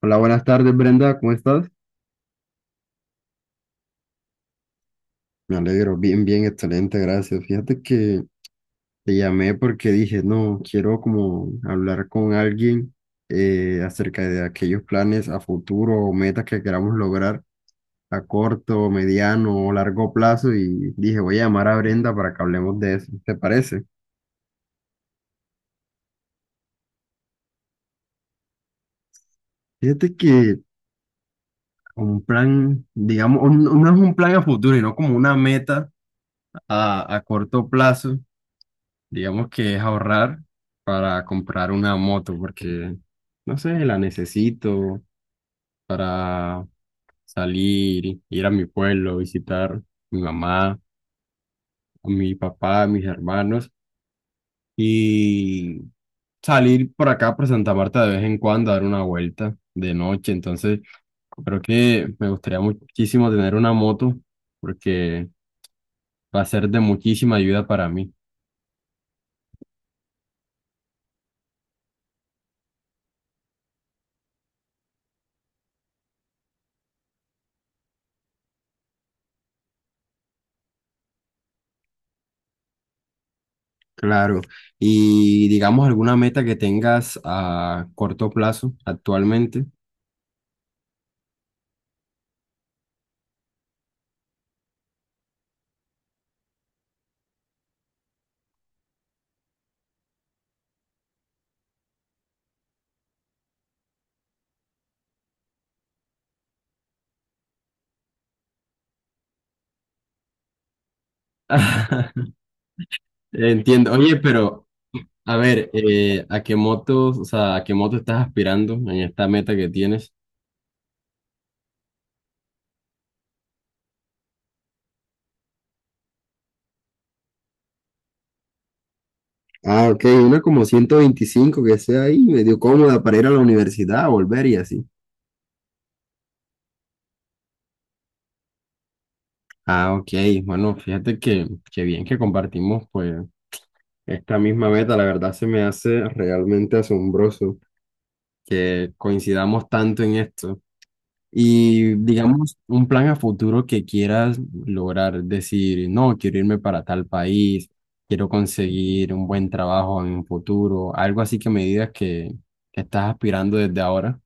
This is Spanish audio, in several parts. Hola, buenas tardes, Brenda, ¿cómo estás? Me alegro, bien, bien, excelente, gracias. Fíjate que te llamé porque dije, no, quiero como hablar con alguien acerca de aquellos planes a futuro o metas que queramos lograr a corto, mediano o largo plazo y dije, voy a llamar a Brenda para que hablemos de eso, ¿te parece? Fíjate que un plan, digamos, no es un plan a futuro, sino como una meta a corto plazo. Digamos que es ahorrar para comprar una moto, porque, no sé, la necesito para salir, ir a mi pueblo, visitar a mi mamá, a mi papá, a mis hermanos y salir por acá, por Santa Marta de vez en cuando, a dar una vuelta de noche. Entonces, creo que me gustaría muchísimo tener una moto porque va a ser de muchísima ayuda para mí. Claro. Y digamos alguna meta que tengas a corto plazo actualmente. Entiendo. Oye, pero a ver, ¿a qué motos, o sea, a qué moto estás aspirando en esta meta que tienes? Ah, ok, una como 125 que sea ahí, medio cómoda para ir a la universidad, volver y así. Ah, ok. Bueno, fíjate que bien que compartimos pues esta misma meta. La verdad se me hace realmente asombroso que coincidamos tanto en esto. Y digamos, un plan a futuro que quieras lograr, decir, no, quiero irme para tal país, quiero conseguir un buen trabajo en un futuro, algo así que me digas que estás aspirando desde ahora.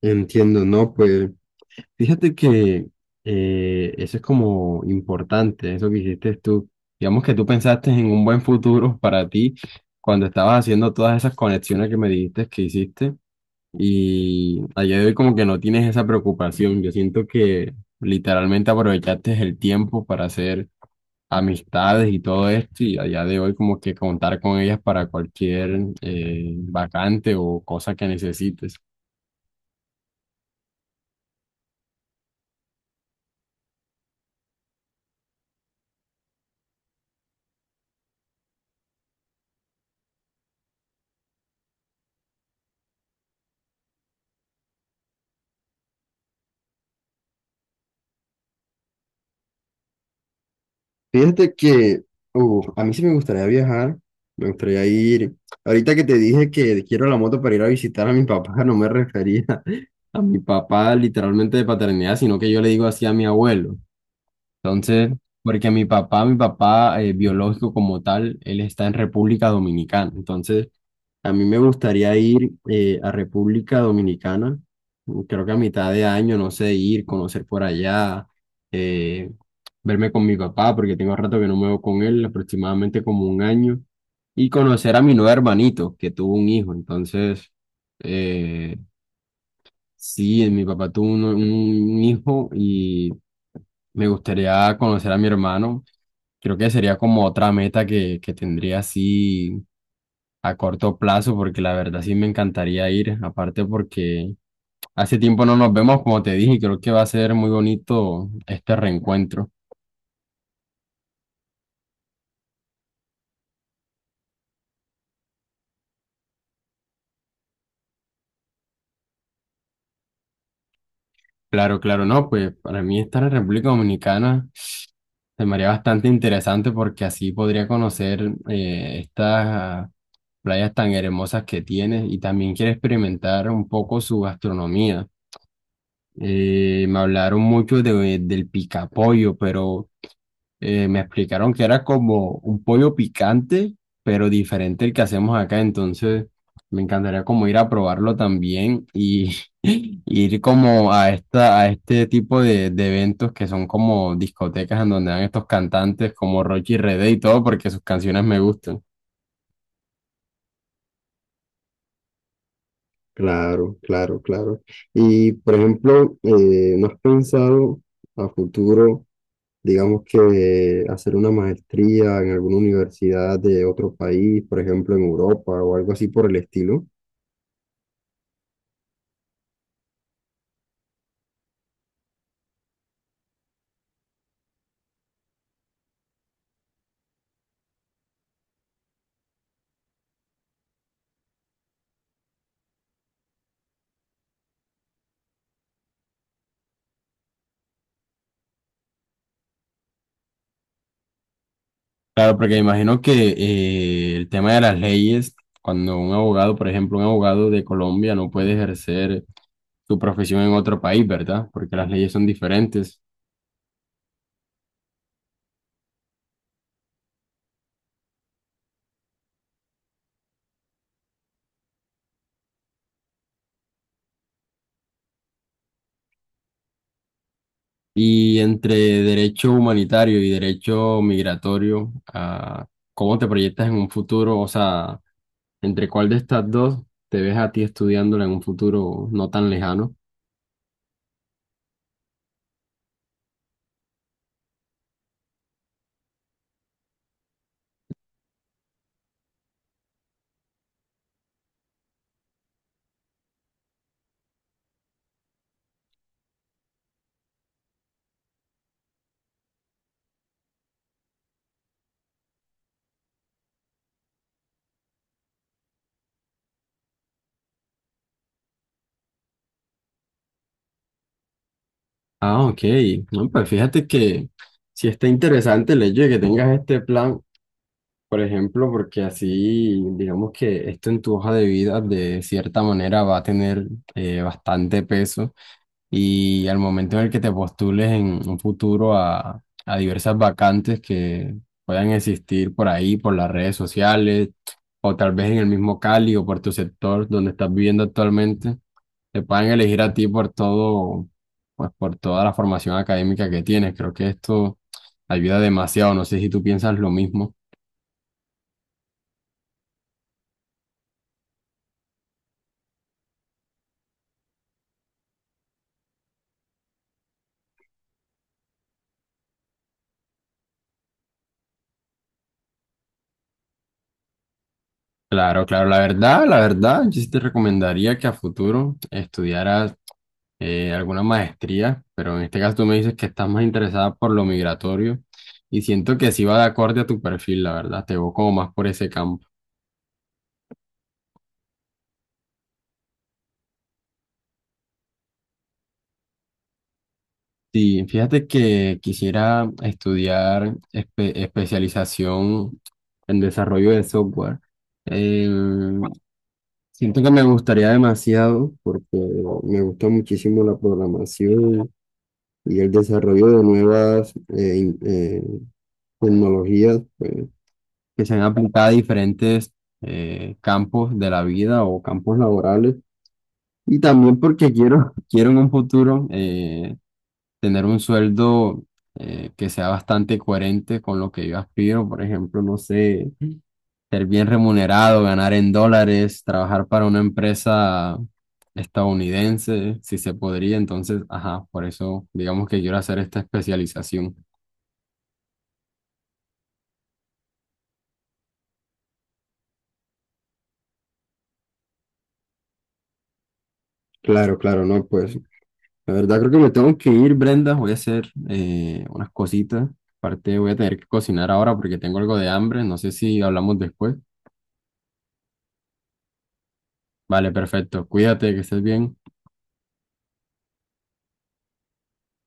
Entiendo, ¿no? Pues fíjate que eso es como importante, eso que hiciste tú. Digamos que tú pensaste en un buen futuro para ti cuando estabas haciendo todas esas conexiones que me dijiste que hiciste. Y a día de hoy como que no tienes esa preocupación. Yo siento que literalmente aprovechaste el tiempo para hacer amistades y todo esto y a día de hoy como que contar con ellas para cualquier vacante o cosa que necesites. Fíjate que a mí sí me gustaría viajar, me gustaría ir. Ahorita que te dije que quiero la moto para ir a visitar a mi papá, no me refería a mi papá literalmente de paternidad, sino que yo le digo así a mi abuelo. Entonces, porque mi papá biológico como tal, él está en República Dominicana. Entonces, a mí me gustaría ir a República Dominicana, creo que a mitad de año, no sé, ir, conocer por allá, eh, verme con mi papá, porque tengo rato que no me veo con él, aproximadamente como un año, y conocer a mi nuevo hermanito, que tuvo un hijo. Entonces, eh, sí, mi papá tuvo un hijo y me gustaría conocer a mi hermano. Creo que sería como otra meta que tendría así a corto plazo, porque la verdad sí me encantaría ir, aparte porque hace tiempo no nos vemos, como te dije, y creo que va a ser muy bonito este reencuentro. Claro, claro, no, pues para mí estar en República Dominicana se me haría bastante interesante porque así podría conocer estas playas tan hermosas que tiene y también quiero experimentar un poco su gastronomía. Me hablaron mucho del picapollo, pero me explicaron que era como un pollo picante, pero diferente al que hacemos acá, entonces me encantaría como ir a probarlo también y y ir como a a este tipo de eventos que son como discotecas en donde dan estos cantantes como Rocky y Rede y todo, porque sus canciones me gustan. Claro, claro, claro. Y por ejemplo, ¿no has pensado a futuro, digamos que hacer una maestría en alguna universidad de otro país, por ejemplo en Europa o algo así por el estilo? Claro, porque imagino que el tema de las leyes, cuando un abogado, por ejemplo, un abogado de Colombia no puede ejercer su profesión en otro país, ¿verdad? Porque las leyes son diferentes. Y entre derecho humanitario y derecho migratorio, ¿cómo te proyectas en un futuro? O sea, ¿entre cuál de estas dos te ves a ti estudiándola en un futuro no tan lejano? Ah, ok. No, pues fíjate que sí está interesante el hecho de que tengas este plan, por ejemplo, porque así, digamos que esto en tu hoja de vida de cierta manera va a tener bastante peso y al momento en el que te postules en un futuro a diversas vacantes que puedan existir por ahí, por las redes sociales, o tal vez en el mismo Cali o por tu sector donde estás viviendo actualmente, te puedan elegir a ti por todo, pues por toda la formación académica que tienes. Creo que esto ayuda demasiado. No sé si tú piensas lo mismo. Claro, claro, la verdad, yo sí te recomendaría que a futuro estudiaras alguna maestría, pero en este caso tú me dices que estás más interesada por lo migratorio y siento que sí va de acorde a tu perfil, la verdad, te veo como más por ese campo. Sí, fíjate que quisiera estudiar especialización en desarrollo de software. Eh, siento que me gustaría demasiado porque me gusta muchísimo la programación y el desarrollo de nuevas tecnologías, pues, que se han aplicado a diferentes campos de la vida o campos laborales. Y también porque quiero, quiero en un futuro tener un sueldo que sea bastante coherente con lo que yo aspiro. Por ejemplo, no sé, ser bien remunerado, ganar en dólares, trabajar para una empresa estadounidense, si se podría. Entonces, ajá, por eso digamos que quiero hacer esta especialización. Claro, claro, no, pues la verdad creo que me tengo que ir, Brenda. Voy a hacer unas cositas. Aparte voy a tener que cocinar ahora porque tengo algo de hambre. No sé si hablamos después. Vale, perfecto. Cuídate, que estés bien.